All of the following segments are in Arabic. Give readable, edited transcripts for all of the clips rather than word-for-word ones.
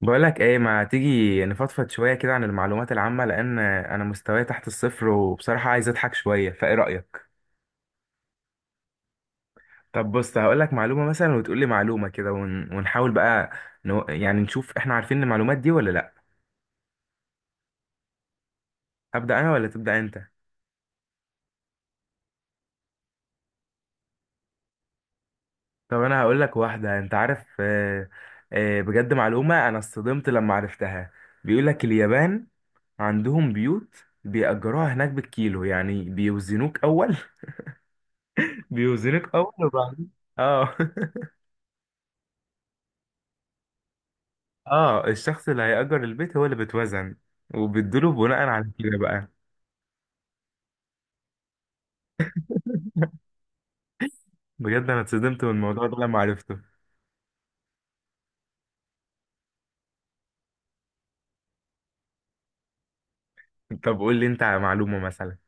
بقولك ايه، ما تيجي نفضفض شوية كده عن المعلومات العامة لأن أنا مستواي تحت الصفر، وبصراحة عايز أضحك شوية، فايه رأيك؟ طب بص، هقولك معلومة مثلا وتقولي معلومة كده ونحاول بقى يعني نشوف احنا عارفين المعلومات دي ولا لأ. أبدأ أنا ولا تبدأ أنت؟ طب أنا هقولك واحدة. أنت عارف بجد معلومة أنا اصطدمت لما عرفتها. بيقولك اليابان عندهم بيوت بيأجروها هناك بالكيلو، يعني بيوزنوك أول. بيوزنوك أول وبعدين. اه. اه، الشخص اللي هيأجر البيت هو اللي بيتوزن، وبيدوله بناء على كده بقى. بجد انا اتصدمت من الموضوع ده لما عرفته. طب قول لي انت على معلومة مثلا.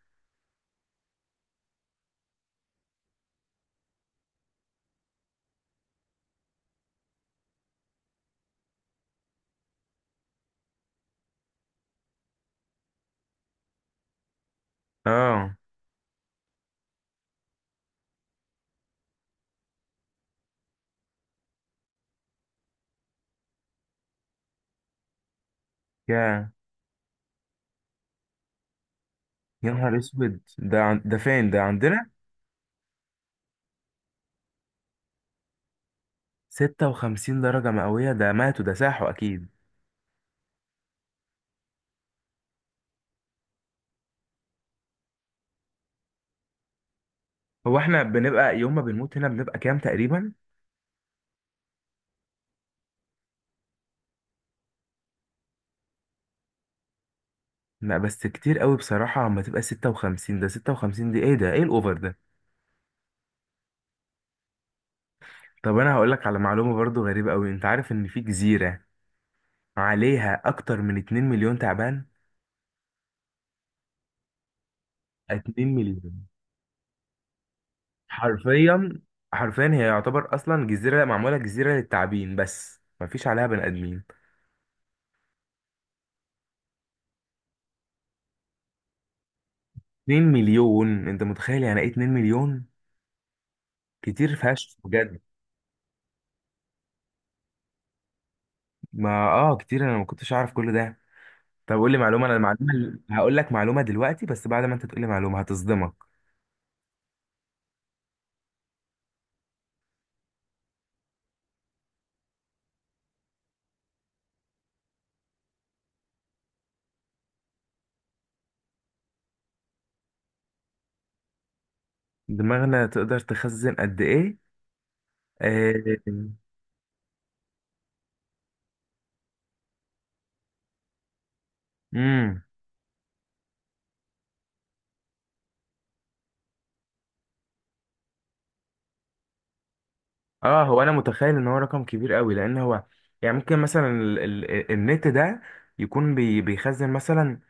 اه. يا يا نهار اسود! ده فين، ده عندنا؟ 56 درجة مئوية؟ ده ماتوا، ده ساحوا اكيد. هو احنا بنبقى يوم ما بنموت هنا بنبقى كام تقريبا؟ لا بس كتير قوي بصراحة، اما تبقى 56 ده، 56 دي ايه ده؟ ايه الاوفر ده؟ طب انا هقول لك على معلومة برضو غريبة قوي. انت عارف ان في جزيرة عليها اكتر من 2 مليون تعبان؟ 2 مليون، حرفيا حرفيا هي يعتبر اصلا جزيره، معموله جزيره للتعابين بس مفيش عليها بني ادمين. 2 مليون، انت متخيل يعني ايه 2 مليون؟ كتير فشخ بجد. ما اه، كتير، انا ما كنتش اعرف كل ده. طب قول لي معلومه. انا المعلومه هقول لك معلومه دلوقتي بس بعد ما انت تقول لي معلومه هتصدمك. دماغنا تقدر تخزن قد ايه؟ امم. اه، هو انا متخيل ان هو رقم كبير قوي لان هو يعني ممكن مثلا ال النت ده يكون بيخزن مثلا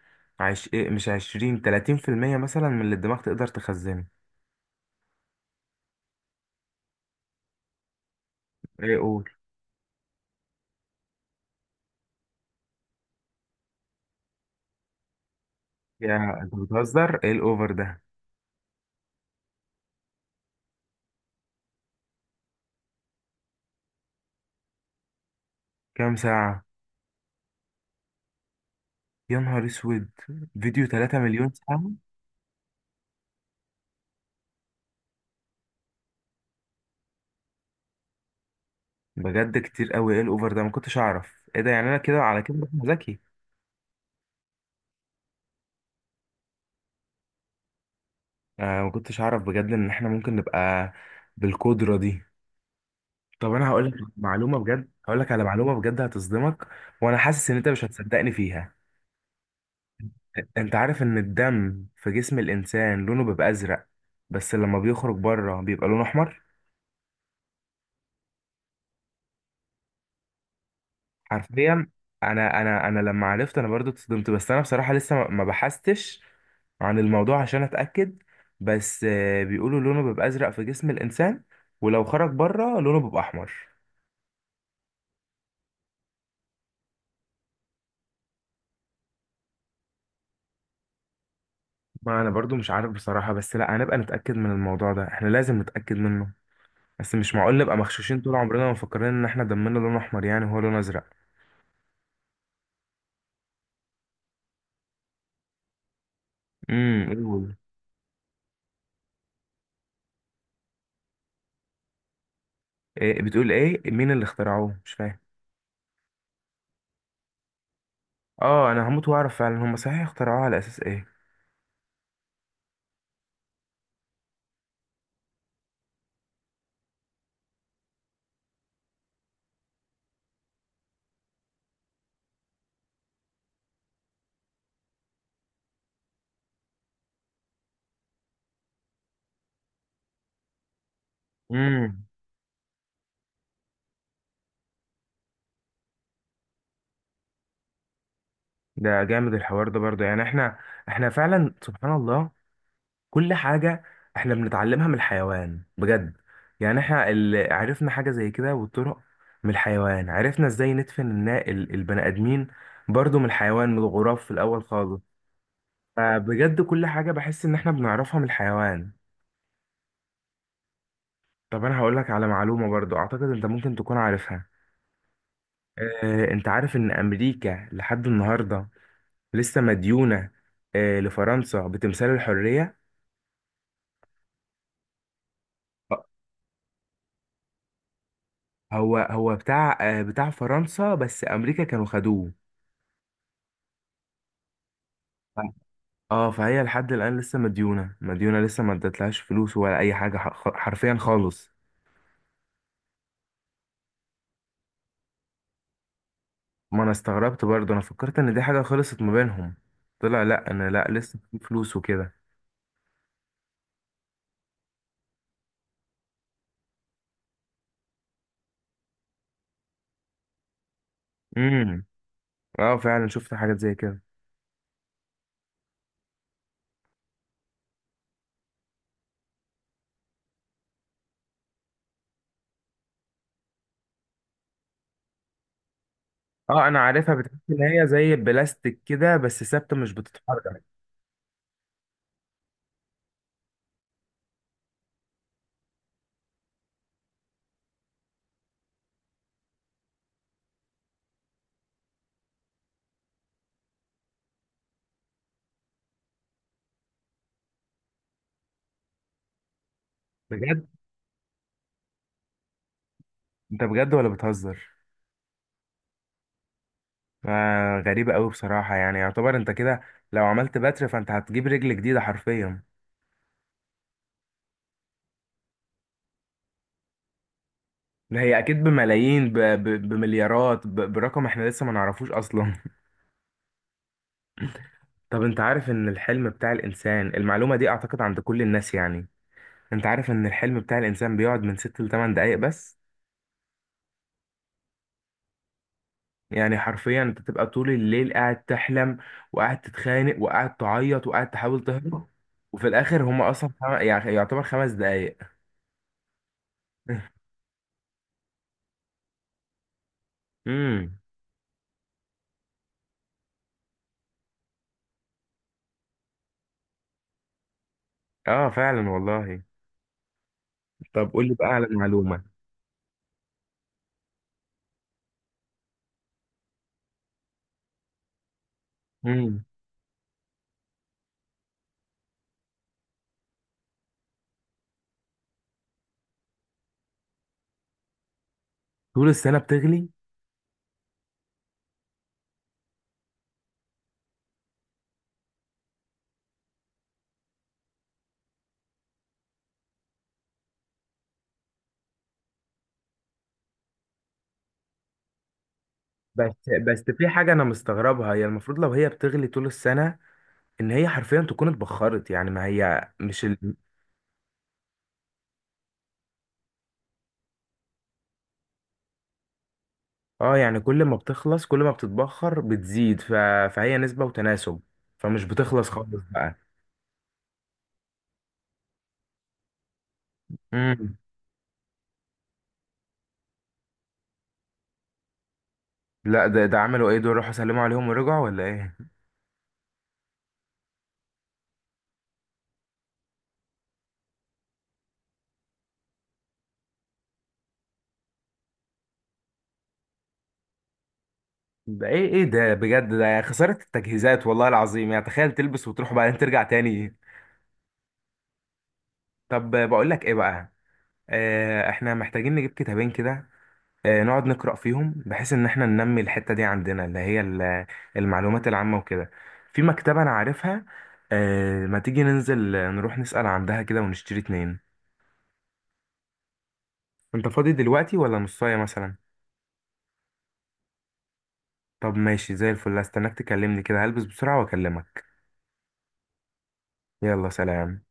عش إيه، مش عشرين تلاتين في المية مثلا من اللي الدماغ تقدر تخزنه. ايه، قول. يا، انت بتهزر؟ ايه الاوفر ده؟ كام ساعة؟ يا نهار اسود! فيديو 3 مليون ساعة؟ بجد كتير قوي، ايه الاوفر ده؟ ما كنتش اعرف ايه ده يعني. انا كده على كده بقى ذكي. آه، ما كنتش اعرف بجد ان احنا ممكن نبقى بالقدرة دي. طب انا هقول لك معلومه بجد، هقول لك على معلومه بجد هتصدمك. وانا حاسس ان انت مش هتصدقني فيها. انت عارف ان الدم في جسم الانسان لونه بيبقى ازرق، بس لما بيخرج بره بيبقى لونه احمر. حرفيا. انا لما عرفت انا برضو اتصدمت، بس انا بصراحه لسه ما بحثتش عن الموضوع عشان اتاكد. بس بيقولوا لونه بيبقى ازرق في جسم الانسان، ولو خرج بره لونه بيبقى احمر. ما انا برضو مش عارف بصراحه، بس لا، هنبقى نتاكد من الموضوع ده، احنا لازم نتاكد منه. بس مش معقول نبقى مغشوشين طول عمرنا ومفكرين ان احنا دمنا لون احمر يعني وهو لون ازرق. امم، قول. إيه؟ بتقول ايه؟ مين اللي اخترعوه؟ مش فاهم. اه، انا هموت واعرف فعلا هم صحيح اخترعوه على اساس ايه. امم. ده جامد الحوار ده برضه، يعني احنا فعلا سبحان الله. كل حاجة احنا بنتعلمها من الحيوان بجد. يعني احنا اللي عرفنا حاجة زي كده والطرق. من الحيوان عرفنا ازاي ندفن البني ادمين، برضه من الحيوان، من الغراب في الاول خالص. فبجد كل حاجة بحس إن إحنا بنعرفها من الحيوان. طب أنا هقولك على معلومة برضو أعتقد أنت ممكن تكون عارفها. أنت عارف إن أمريكا لحد النهاردة لسه مديونة لفرنسا بتمثال الحرية. هو بتاع فرنسا بس أمريكا كانوا خدوه. ف- اه، فهي لحد الآن لسه مديونة مديونة، لسه ما ادتلهاش فلوس ولا أي حاجة، حرفيا خالص. ما أنا استغربت برضو، أنا فكرت إن دي حاجة خلصت ما بينهم. طلع لأ، أنا لأ، لسه في فلوس وكده. امم. اه، فعلا شفت حاجات زي كده. اه، انا عارفها، بتحس ان هي زي البلاستيك كده بس ثابته مش بتتحرك. بجد؟ انت بجد ولا بتهزر؟ آه، غريبه قوي بصراحه. يعني يعتبر انت كده لو عملت بتر فانت هتجيب رجل جديده حرفيا. ده هي اكيد بملايين، بمليارات، برقم احنا لسه ما نعرفوش اصلا. طب انت عارف ان الحلم بتاع الانسان، المعلومه دي اعتقد عند كل الناس يعني، انت عارف ان الحلم بتاع الانسان بيقعد من 6 ل 8 دقائق بس؟ يعني حرفيا انت تبقى طول الليل قاعد تحلم، وقاعد تتخانق، وقاعد تعيط، وقاعد تحاول تهرب، وفي الاخر هما اصلا يعني يعتبر 5 دقايق. امم. اه، فعلا والله. طب قول لي بقى على معلومة. امم. طول السنة بتغلي؟ بس في حاجة انا مستغربها، هي المفروض لو هي بتغلي طول السنة، ان هي حرفيا تكون اتبخرت، يعني ما هي مش. اه، يعني كل ما بتخلص، كل ما بتتبخر بتزيد. فهي نسبة وتناسب، فمش بتخلص خالص بقى. مم. لا، ده عملوا ايه دول، راحوا سلموا عليهم ورجعوا ولا ايه؟ ده ايه ده بجد، ده خسارة التجهيزات والله العظيم، يعني تخيل تلبس وتروح وبعدين ترجع تاني. طب بقول لك ايه بقى، احنا محتاجين نجيب كتابين كده، نقعد نقرأ فيهم بحيث ان احنا ننمي الحتة دي عندنا اللي هي المعلومات العامة وكده. في مكتبة انا عارفها، ما تيجي ننزل، نروح نسأل عندها كده ونشتري اتنين؟ انت فاضي دلوقتي ولا نصاية مثلا؟ طب ماشي، زي الفل، استناك تكلمني كده، هلبس بسرعة واكلمك. يلا سلام.